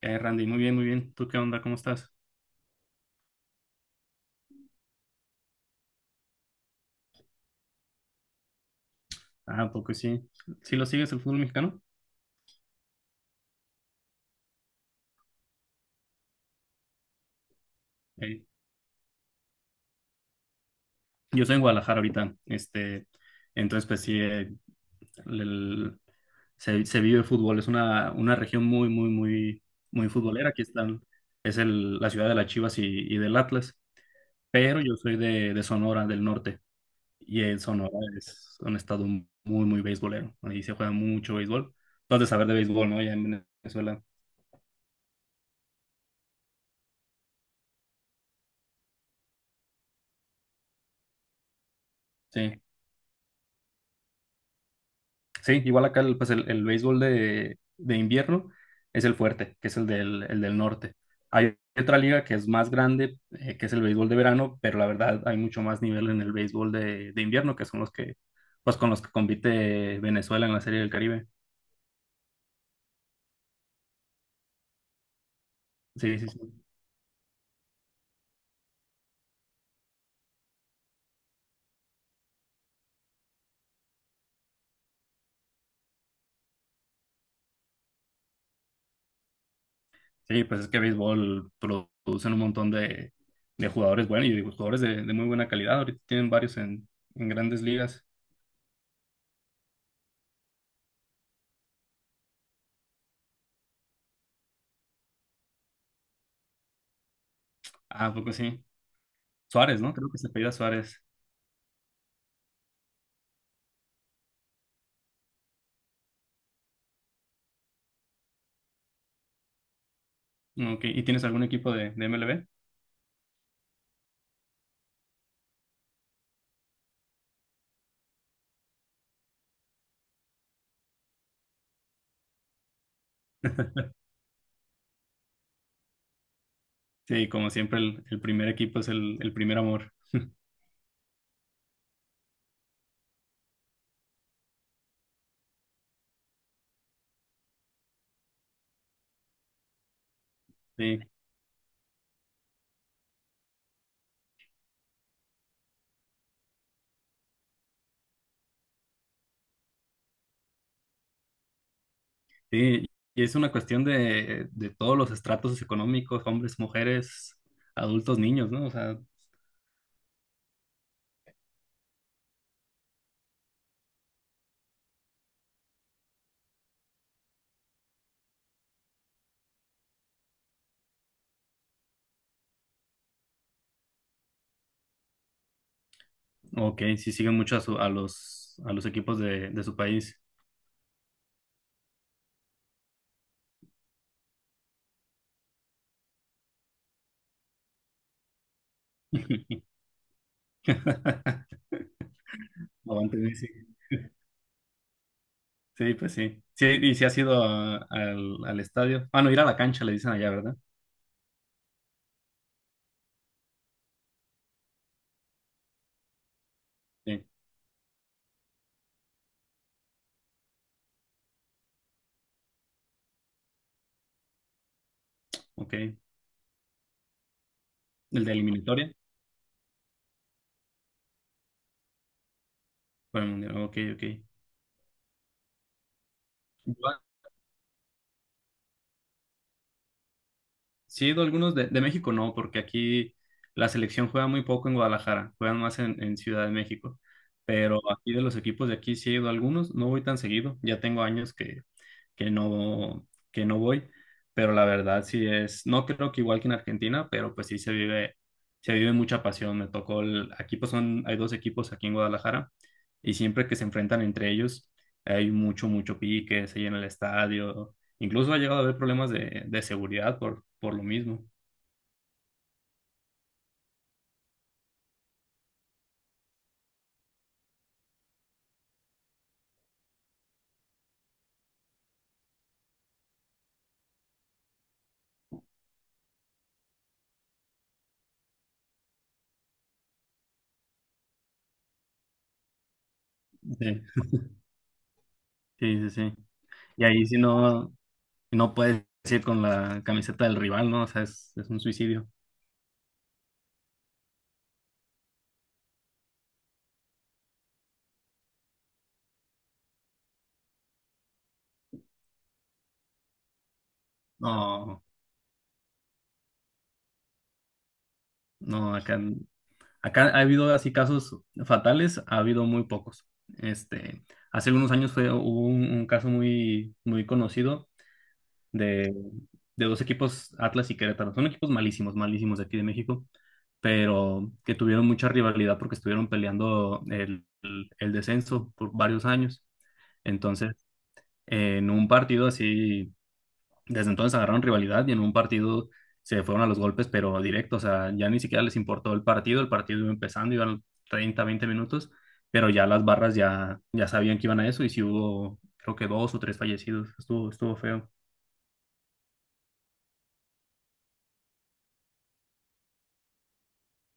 Randy, muy bien, muy bien. ¿Tú qué onda? ¿Cómo estás? Ah, poco sí. ¿Sí lo sigues el fútbol mexicano? Eh, yo soy en Guadalajara ahorita. Este, entonces, pues sí, el- el- se vive fútbol. Es una región muy, muy, muy, muy futbolera. Aquí están, es la ciudad de las Chivas y del Atlas. Pero yo soy de Sonora, del norte. Y en Sonora es un estado muy, muy beisbolero. Ahí se juega mucho béisbol. Tú has de saber de béisbol, ¿no? Ya en Venezuela. Sí. Sí, igual acá pues el béisbol de invierno es el fuerte, que es el el del norte. Hay otra liga que es más grande, que es el béisbol de verano, pero la verdad hay mucho más nivel en el béisbol de invierno, que son los que, pues con los que compite Venezuela en la Serie del Caribe. Sí, sí, sí. Sí, pues es que béisbol producen un montón de jugadores buenos y de jugadores de muy buena calidad. Ahorita tienen varios en grandes ligas. Ah, ¿a poco sí. Suárez, ¿no? Creo que se apellida Suárez. Ok, ¿y tienes algún equipo de MLB? Sí, como siempre, el primer equipo es el primer amor. Sí, sí, y es una cuestión de todos los estratos económicos, hombres, mujeres, adultos, niños, ¿no? O sea, ok, sí siguen mucho a los equipos de su país. Avante Messi. Sí, pues sí. Sí, y si has ido al, al estadio. Ah, no, ir a la cancha, le dicen allá, ¿verdad? Sí, ok. El de eliminatoria para el mundial. Ok, ok. Yo sí, he ido a algunos de México, no, porque aquí la selección juega muy poco en Guadalajara, juegan más en Ciudad de México. Pero aquí de los equipos de aquí sí he ido a algunos, no voy tan seguido, ya tengo años que no, que no voy, pero la verdad sí es, no creo que igual que en Argentina, pero pues sí se vive mucha pasión. Me tocó el, aquí pues son, hay dos equipos aquí en Guadalajara y siempre que se enfrentan entre ellos hay mucho, mucho pique, se llena el estadio, incluso ha llegado a haber problemas de seguridad por lo mismo. Sí, sí, sí, sí. Y ahí si no, no puedes ir con la camiseta del rival, ¿no? O sea, es un suicidio. No, no, acá acá ha habido así casos fatales, ha habido muy pocos. Este, hace algunos años fue, hubo un caso muy, muy conocido de, de dos equipos, Atlas y Querétaro. Son equipos malísimos, malísimos de aquí de México, pero que tuvieron mucha rivalidad porque estuvieron peleando el descenso por varios años. Entonces, en un partido así desde entonces agarraron rivalidad y en un partido se fueron a los golpes, pero directo, o sea, ya ni siquiera les importó el partido iba empezando, iban 30 20 minutos, pero ya las barras ya, ya sabían que iban a eso y si hubo, creo que dos o tres fallecidos, estuvo, estuvo feo.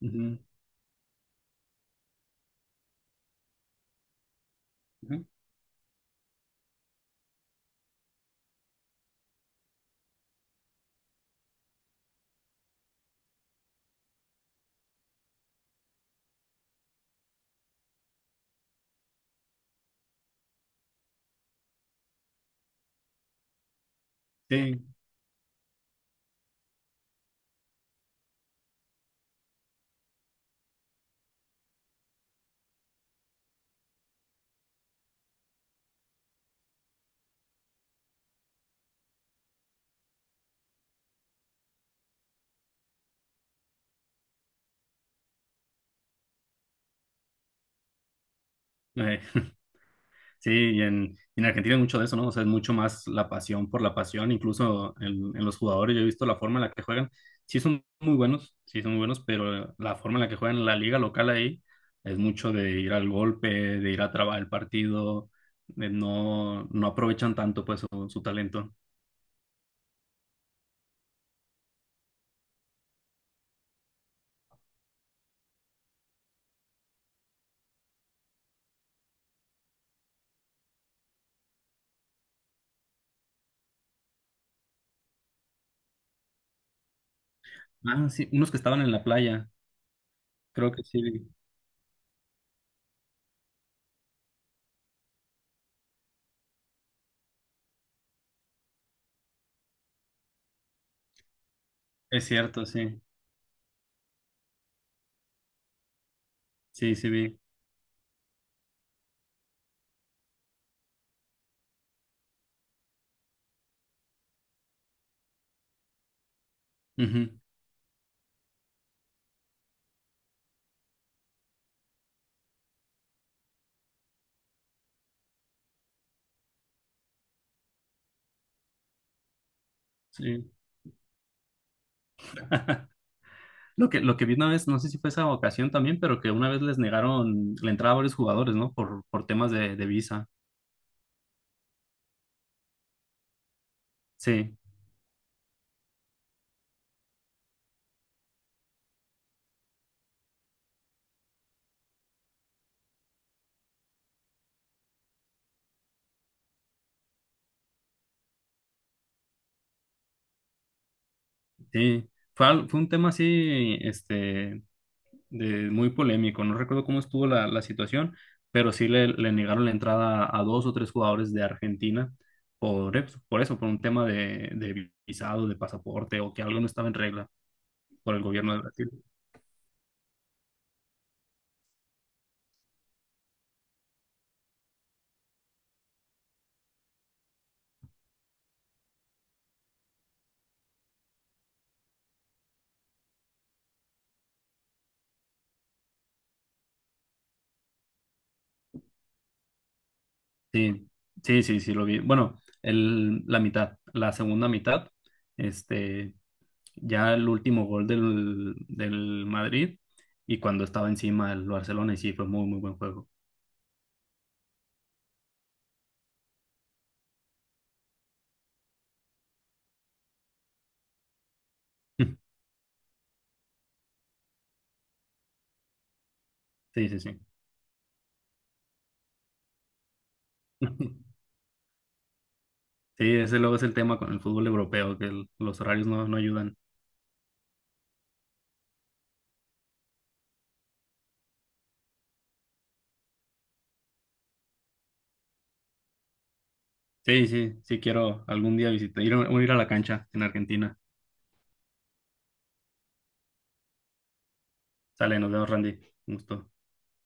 Ujú, ujú. Sí, eh, sí, y en Argentina hay mucho de eso, ¿no? O sea, es mucho más la pasión por la pasión, incluso en los jugadores, yo he visto la forma en la que juegan, sí son muy buenos, sí son muy buenos, pero la forma en la que juegan en la liga local ahí es mucho de ir al golpe, de ir a trabar el partido, de no, no aprovechan tanto pues su talento. Ah, sí, unos que estaban en la playa, creo que sí, es cierto, sí, sí, sí vi. Ujú, sí. Lo que vi una vez, no sé si fue esa ocasión también, pero que una vez les negaron la entrada a varios jugadores, ¿no? Por temas de visa. Sí, sí. Fue, fue un tema así, este, de, muy polémico. No recuerdo cómo estuvo la, la situación, pero sí le negaron la entrada a dos o tres jugadores de Argentina por, por eso, por un tema de visado, de pasaporte o que algo no estaba en regla por el gobierno de Brasil. Sí, sí, sí, sí, lo vi. Bueno, el, la mitad, la segunda mitad. Este, ya el último gol del, del Madrid y cuando estaba encima el Barcelona y sí, fue muy, muy buen juego. Sí, sí, sí. Sí, ese luego es el tema con el fútbol europeo, que los horarios no, no ayudan. Sí, sí, sí quiero algún día visitar, ir, ir a la cancha en Argentina. Sale, nos vemos, Randy. Un gusto.